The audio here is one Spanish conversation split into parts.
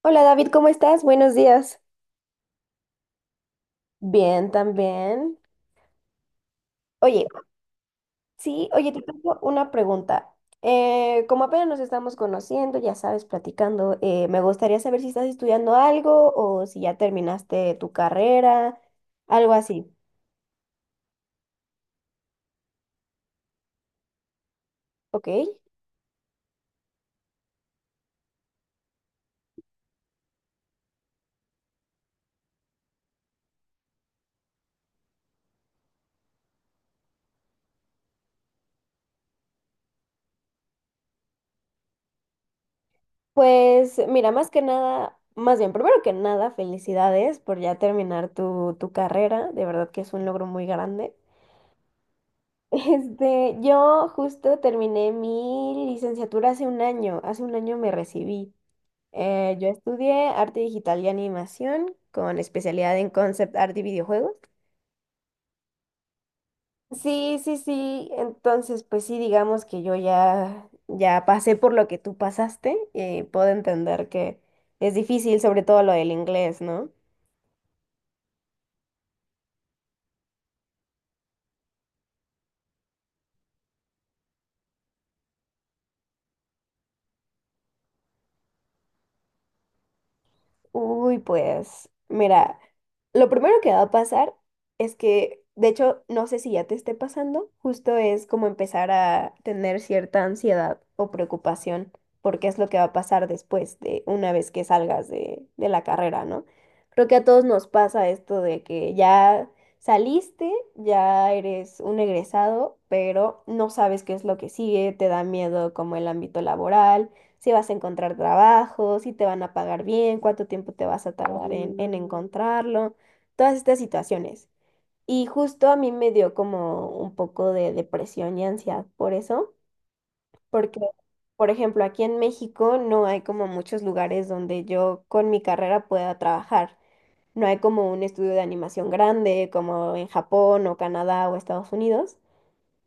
Hola David, ¿cómo estás? Buenos días. Bien, también. Oye, sí, oye, te tengo una pregunta. Como apenas nos estamos conociendo, ya sabes, platicando, me gustaría saber si estás estudiando algo o si ya terminaste tu carrera, algo así. Ok. Pues mira, más que nada, más bien, primero que nada, felicidades por ya terminar tu carrera. De verdad que es un logro muy grande. Este, yo justo terminé mi licenciatura hace un año me recibí. Yo estudié arte digital y animación con especialidad en concept art y videojuegos. Sí, sí, sí, entonces pues sí, digamos que yo ya pasé por lo que tú pasaste y puedo entender que es difícil, sobre todo lo del inglés, ¿no? Uy, pues, mira, lo primero que va a pasar es que, de hecho, no sé si ya te esté pasando, justo es como empezar a tener cierta ansiedad o preocupación porque es lo que va a pasar después de una vez que salgas de la carrera, ¿no? Creo que a todos nos pasa esto de que ya saliste, ya eres un egresado, pero no sabes qué es lo que sigue, te da miedo como el ámbito laboral si vas a encontrar trabajo, si te van a pagar bien, cuánto tiempo te vas a tardar en encontrarlo, todas estas situaciones. Y justo a mí me dio como un poco de depresión y ansiedad por eso, porque, por ejemplo, aquí en México no hay como muchos lugares donde yo con mi carrera pueda trabajar. No hay como un estudio de animación grande como en Japón o Canadá o Estados Unidos.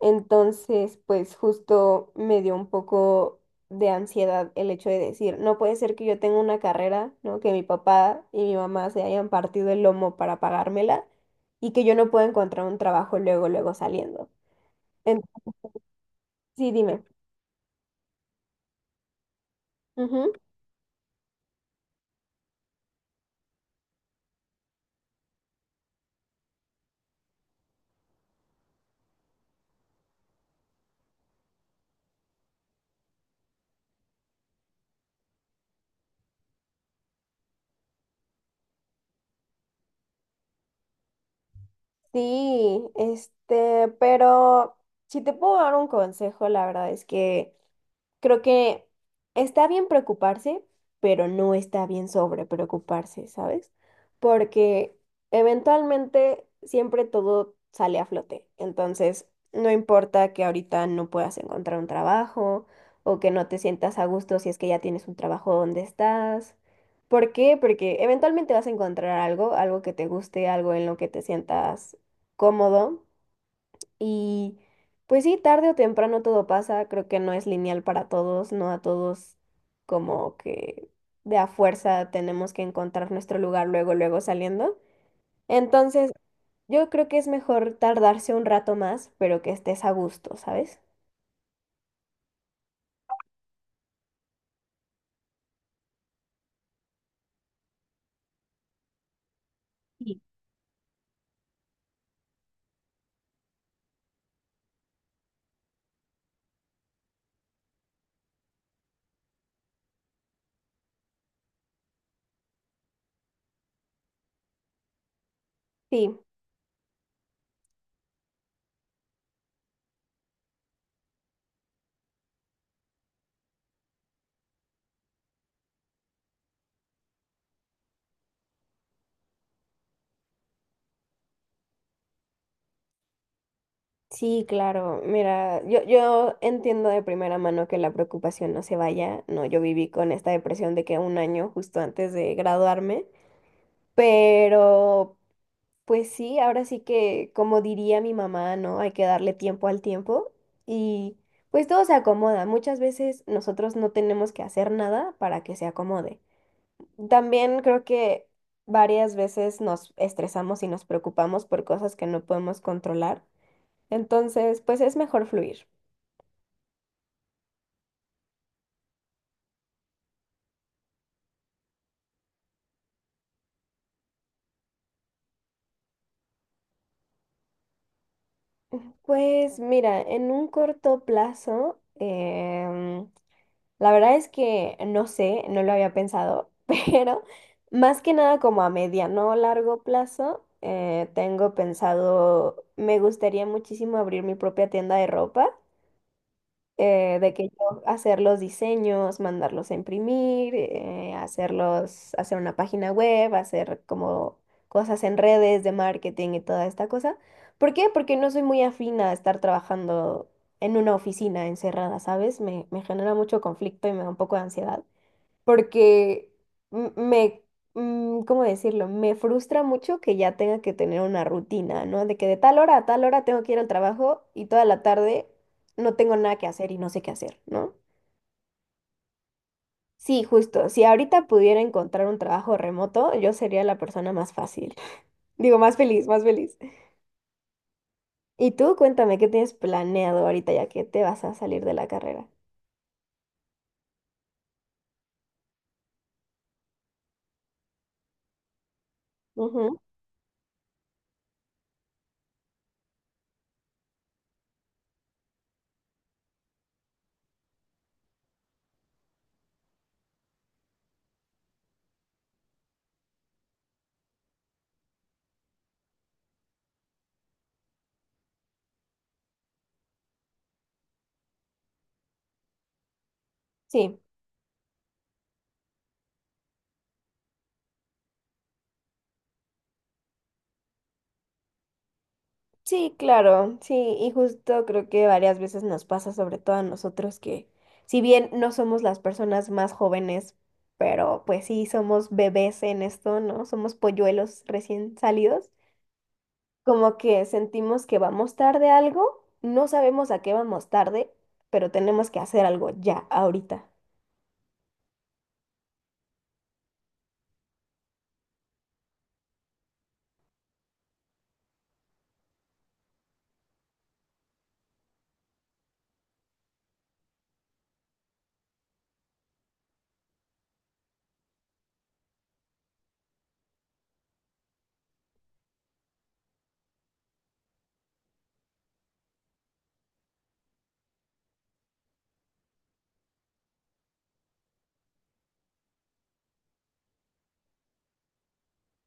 Entonces, pues justo me dio un poco de ansiedad el hecho de decir, no puede ser que yo tenga una carrera, ¿no? Que mi papá y mi mamá se hayan partido el lomo para pagármela y que yo no pueda encontrar un trabajo luego, luego saliendo. En- sí, dime. Ujú. Sí, este, pero si te puedo dar un consejo, la verdad es que creo que está bien preocuparse, pero no está bien sobre preocuparse, ¿sabes? Porque eventualmente siempre todo sale a flote. Entonces, no importa que ahorita no puedas encontrar un trabajo o que no te sientas a gusto si es que ya tienes un trabajo donde estás. ¿Por qué? Porque eventualmente vas a encontrar algo, algo que te guste, algo en lo que te sientas cómodo. Y pues sí, tarde o temprano todo pasa, creo que no es lineal para todos, no a todos como que de a fuerza tenemos que encontrar nuestro lugar luego, luego saliendo. Entonces, yo creo que es mejor tardarse un rato más, pero que estés a gusto, ¿sabes? Sí. Sí, sí, claro. Mira, yo entiendo de primera mano que la preocupación no se vaya. No, yo viví con esta depresión de que un año justo antes de graduarme, pero pues sí, ahora sí que, como diría mi mamá, ¿no? Hay que darle tiempo al tiempo y pues todo se acomoda. Muchas veces nosotros no tenemos que hacer nada para que se acomode. También creo que varias veces nos estresamos y nos preocupamos por cosas que no podemos controlar. Entonces, pues es mejor fluir. Pues mira, en un corto plazo, la verdad es que no sé, no lo había pensado, pero más que nada como a mediano o largo plazo, tengo pensado, me gustaría muchísimo abrir mi propia tienda de ropa de que yo hacer los diseños, mandarlos a imprimir, hacerlos, hacer una página web, hacer como cosas en redes de marketing y toda esta cosa. ¿Por qué? Porque no soy muy afina a estar trabajando en una oficina encerrada, ¿sabes? Me genera mucho conflicto y me da un poco de ansiedad porque me, ¿cómo decirlo? Me frustra mucho que ya tenga que tener una rutina, ¿no? De que de tal hora a tal hora tengo que ir al trabajo y toda la tarde no tengo nada que hacer y no sé qué hacer, ¿no? Sí, justo. Si ahorita pudiera encontrar un trabajo remoto, yo sería la persona más fácil. Digo, más feliz, más feliz. Y tú, cuéntame, ¿qué tienes planeado ahorita ya que te vas a salir de la carrera? Ujú. Sí. Sí, claro, sí, y justo creo que varias veces nos pasa, sobre todo a nosotros, que si bien no somos las personas más jóvenes, pero pues sí somos bebés en esto, ¿no? Somos polluelos recién salidos, como que sentimos que vamos tarde a algo, no sabemos a qué vamos tarde, pero tenemos que hacer algo ya, ahorita.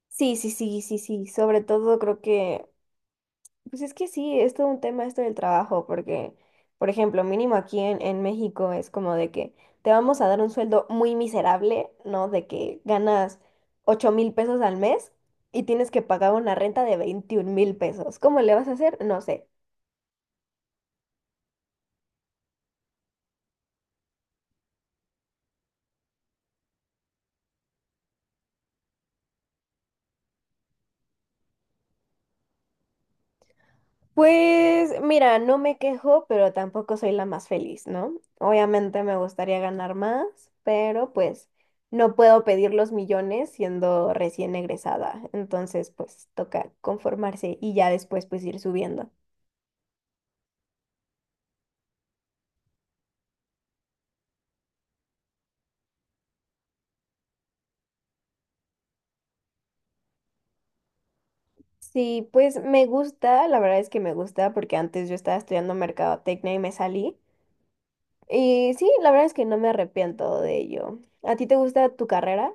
Sí, sí, sí, sí, sí, sobre todo creo que pues es que sí, es todo un tema esto del trabajo, porque, por ejemplo, mínimo aquí en México es como de que te vamos a dar un sueldo muy miserable, ¿no? De que ganas 8,000 pesos al mes y tienes que pagar una renta de 21,000 pesos. ¿Cómo le vas a hacer? No sé. Pues mira, no me quejo, pero tampoco soy la más feliz, ¿no? Obviamente me gustaría ganar más, pero pues no puedo pedir los millones siendo recién egresada. Entonces, pues toca conformarse y ya después pues ir subiendo. Sí, pues me gusta, la verdad es que me gusta porque antes yo estaba estudiando mercadotecnia y me salí. Y sí, la verdad es que no me arrepiento de ello. ¿A ti te gusta tu carrera?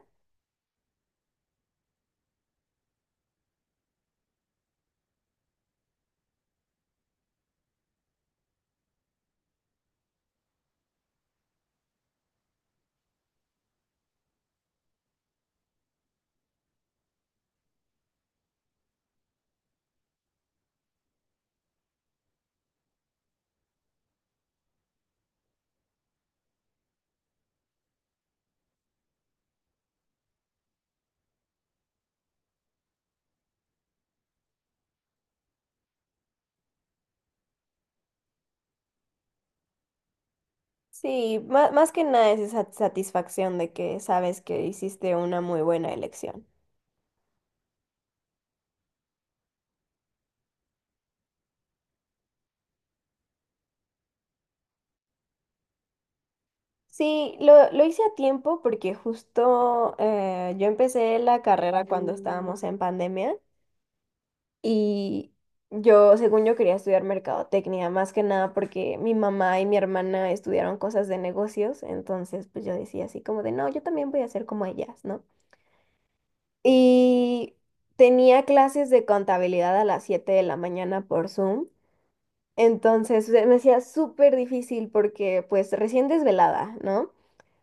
Sí, más que nada es esa satisfacción de que sabes que hiciste una muy buena elección. Sí, lo hice a tiempo porque justo yo empecé la carrera cuando estábamos en pandemia y yo, según yo, quería estudiar mercadotecnia, más que nada porque mi mamá y mi hermana estudiaron cosas de negocios, entonces pues yo decía así como de, no, yo también voy a ser como ellas, ¿no? Y tenía clases de contabilidad a las 7 de la mañana por Zoom. Entonces se me hacía súper difícil porque pues recién desvelada, ¿no?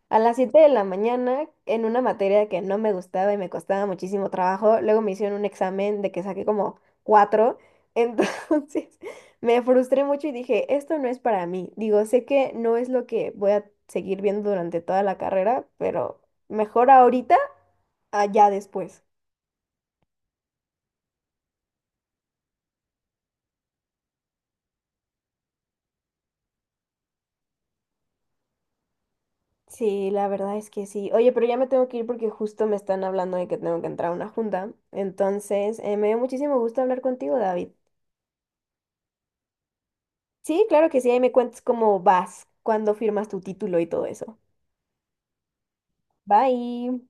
A las 7 de la mañana en una materia que no me gustaba y me costaba muchísimo trabajo, luego me hicieron un examen de que saqué como 4 entonces me frustré mucho y dije, esto no es para mí. Digo, sé que no es lo que voy a seguir viendo durante toda la carrera, pero mejor ahorita, allá después. Sí, la verdad es que sí. Oye, pero ya me tengo que ir porque justo me están hablando de que tengo que entrar a una junta. Entonces, me dio muchísimo gusto hablar contigo, David. Sí, claro que sí, ahí me cuentas cómo vas, cuándo firmas tu título y todo eso. Bye.